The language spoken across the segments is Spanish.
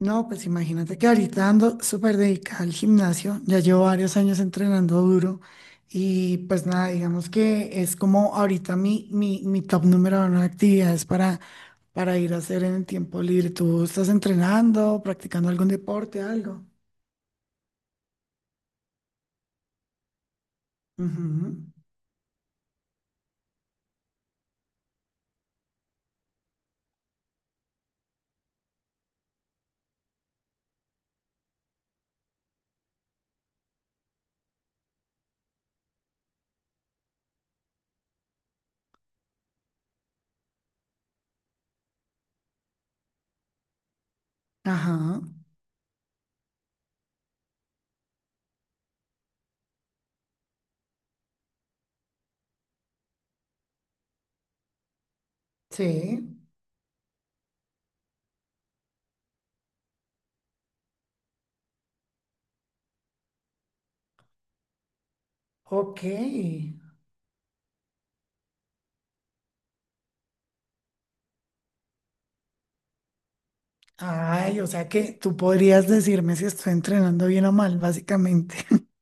No, pues imagínate que ahorita ando súper dedicada al gimnasio, ya llevo varios años entrenando duro y pues nada, digamos que es como ahorita mi top número uno de actividades para ir a hacer en el tiempo libre. ¿Tú estás entrenando, practicando algún deporte, algo? Ujú. Ajá, sí, ok. Ay, o sea que tú podrías decirme si estoy entrenando bien o mal, básicamente.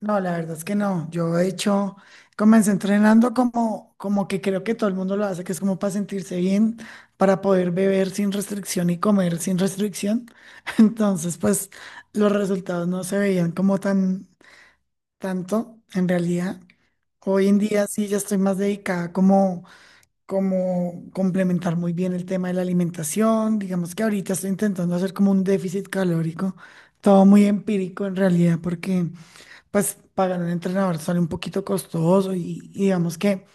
No, la verdad es que no. Yo de hecho comencé entrenando como que creo que todo el mundo lo hace, que es como para sentirse bien, para poder beber sin restricción y comer sin restricción. Entonces, pues los resultados no se veían como tan tanto en realidad. Hoy en día sí ya estoy más dedicada como complementar muy bien el tema de la alimentación. Digamos que ahorita estoy intentando hacer como un déficit calórico, todo muy empírico en realidad, porque pues pagar un entrenador sale un poquito costoso y digamos que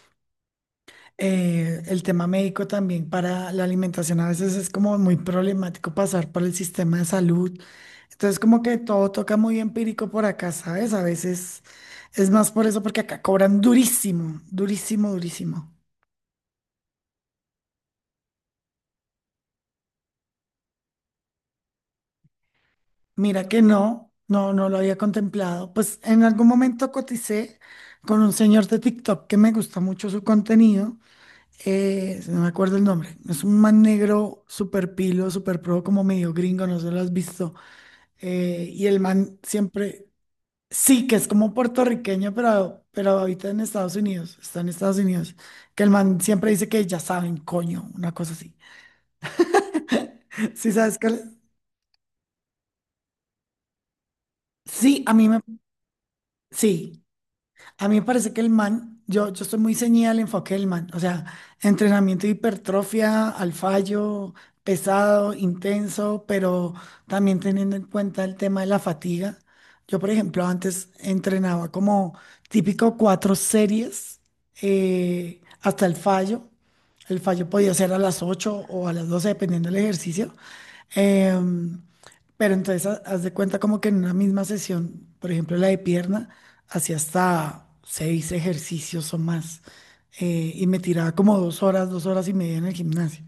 el tema médico también para la alimentación a veces es como muy problemático pasar por el sistema de salud. Entonces como que todo toca muy empírico por acá, ¿sabes? A veces es más por eso porque acá cobran durísimo, durísimo, durísimo. Mira que no, no, no lo había contemplado. Pues en algún momento coticé con un señor de TikTok que me gusta mucho su contenido. No me acuerdo el nombre, es un man negro súper pilo, súper pro, como medio gringo, no sé lo has visto. Y el man siempre, sí, que es como puertorriqueño, pero habita en Estados Unidos, está en Estados Unidos. Que el man siempre dice que ya saben, coño, una cosa así. Sí, ¿sabes qué? Sí, a mí me, sí. A mí me parece que el man, yo estoy muy ceñida al enfoque del man, o sea, entrenamiento de hipertrofia, al fallo, pesado, intenso, pero también teniendo en cuenta el tema de la fatiga. Yo, por ejemplo, antes entrenaba como típico cuatro series hasta el fallo. El fallo podía ser a las 8 o a las 12 dependiendo del ejercicio. Em, pero entonces haz de cuenta como que en una misma sesión, por ejemplo, la de pierna, hacía hasta seis ejercicios o más. Y me tiraba como 2 horas, 2 horas y media en el gimnasio.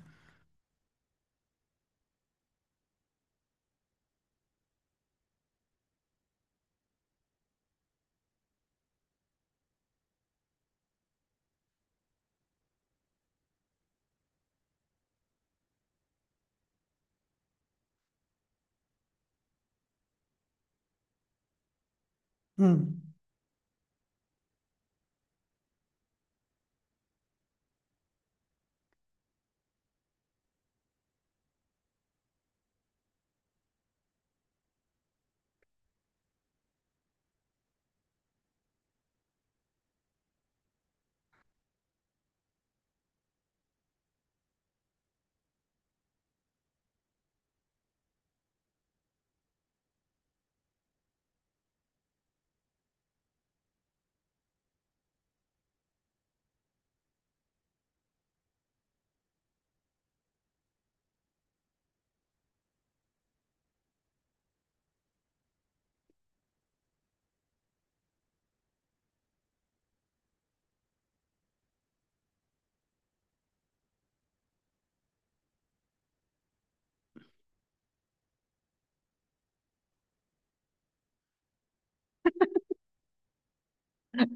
Mm.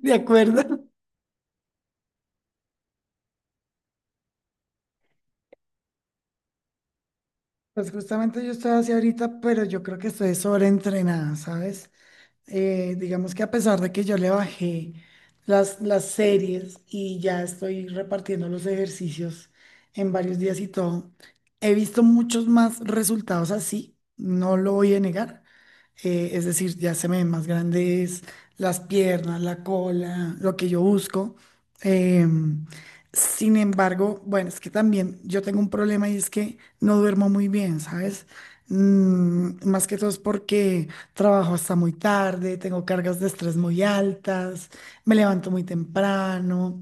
¿De acuerdo? Pues justamente yo estoy así ahorita, pero yo creo que estoy sobreentrenada, ¿sabes? Digamos que a pesar de que yo le bajé las series y ya estoy repartiendo los ejercicios en varios días y todo, he visto muchos más resultados así, no lo voy a negar, es decir, ya se me ven más grandes las piernas, la cola, lo que yo busco. Em, Sin embargo, bueno, es que también yo tengo un problema y es que no duermo muy bien, ¿sabes? Más que todo es porque trabajo hasta muy tarde, tengo cargas de estrés muy altas, me levanto muy temprano.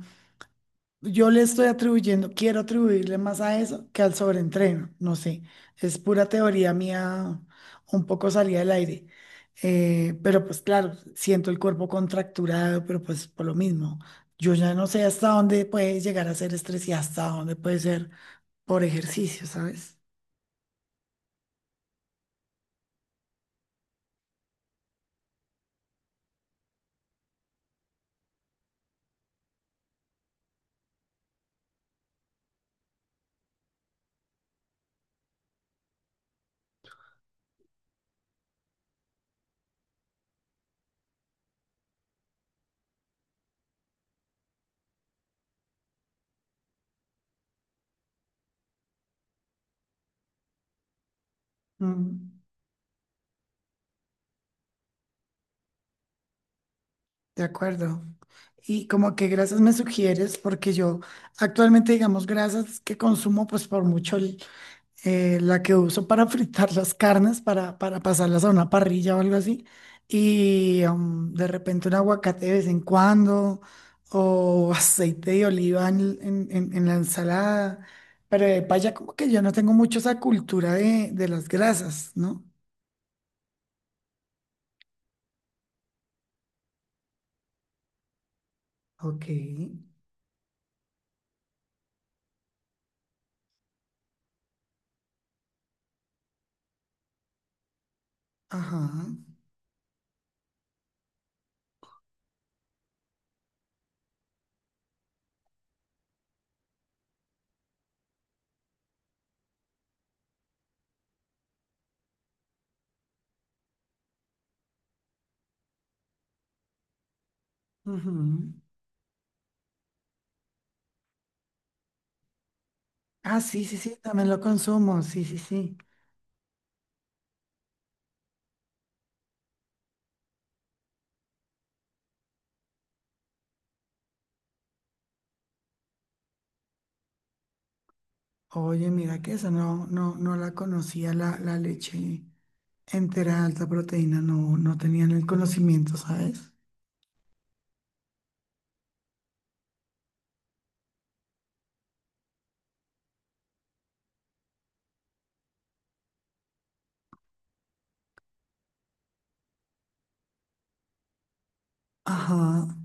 Yo le estoy atribuyendo, quiero atribuirle más a eso que al sobreentreno, no sé, es pura teoría mía, un poco salida del aire. Pero pues claro, siento el cuerpo contracturado, pero pues por lo mismo, yo ya no sé hasta dónde puede llegar a ser estrés y hasta dónde puede ser por ejercicio, ¿sabes? Mm, de acuerdo. Y como que grasas me sugieres, porque yo actualmente, digamos, grasas que consumo, pues por mucho, la que uso para fritar las carnes, para pasarlas a una parrilla o algo así. Y de repente un aguacate de vez en cuando, o aceite de oliva en la ensalada. Pero de paya, como que yo no tengo mucho esa cultura de las grasas, ¿no? Ok. Ajá. Ujú. Ah, sí, sí, sí, también lo consumo. Sí, sí, sí. Oye, mira que esa no, no, no la conocía la leche entera alta proteína, no, no tenían el conocimiento, ¿sabes? Ajá.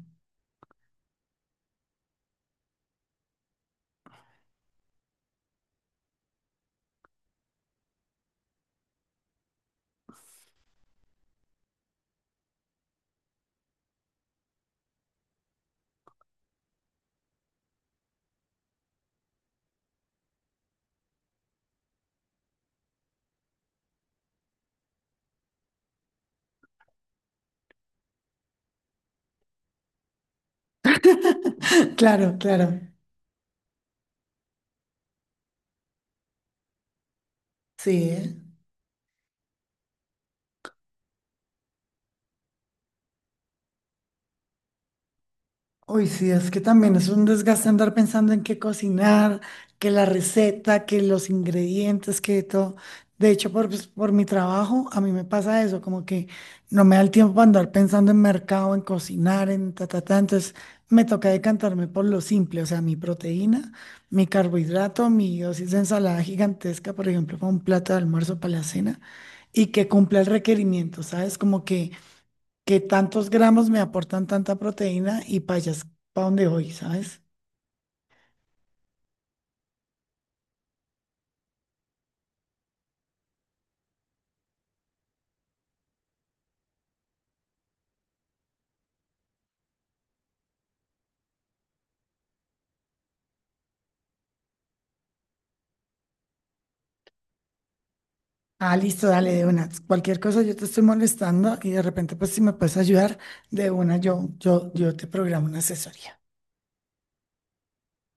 Claro, claro. Sí, ¿eh? Uy, sí, es que también es un desgaste andar pensando en qué cocinar, que la receta, que los ingredientes, que todo. De hecho, pues, por mi trabajo, a mí me pasa eso, como que no me da el tiempo para andar pensando en mercado, en cocinar, en ta, ta, ta. Entonces, me toca decantarme por lo simple, o sea, mi proteína, mi carbohidrato, mi dosis de ensalada gigantesca, por ejemplo, para un plato de almuerzo, para la cena, y que cumpla el requerimiento, ¿sabes? Como que tantos gramos me aportan tanta proteína y payas para donde voy, ¿sabes? Ah, listo, dale de una. Cualquier cosa yo te estoy molestando y de repente, pues si me puedes ayudar de una, yo te programo una asesoría.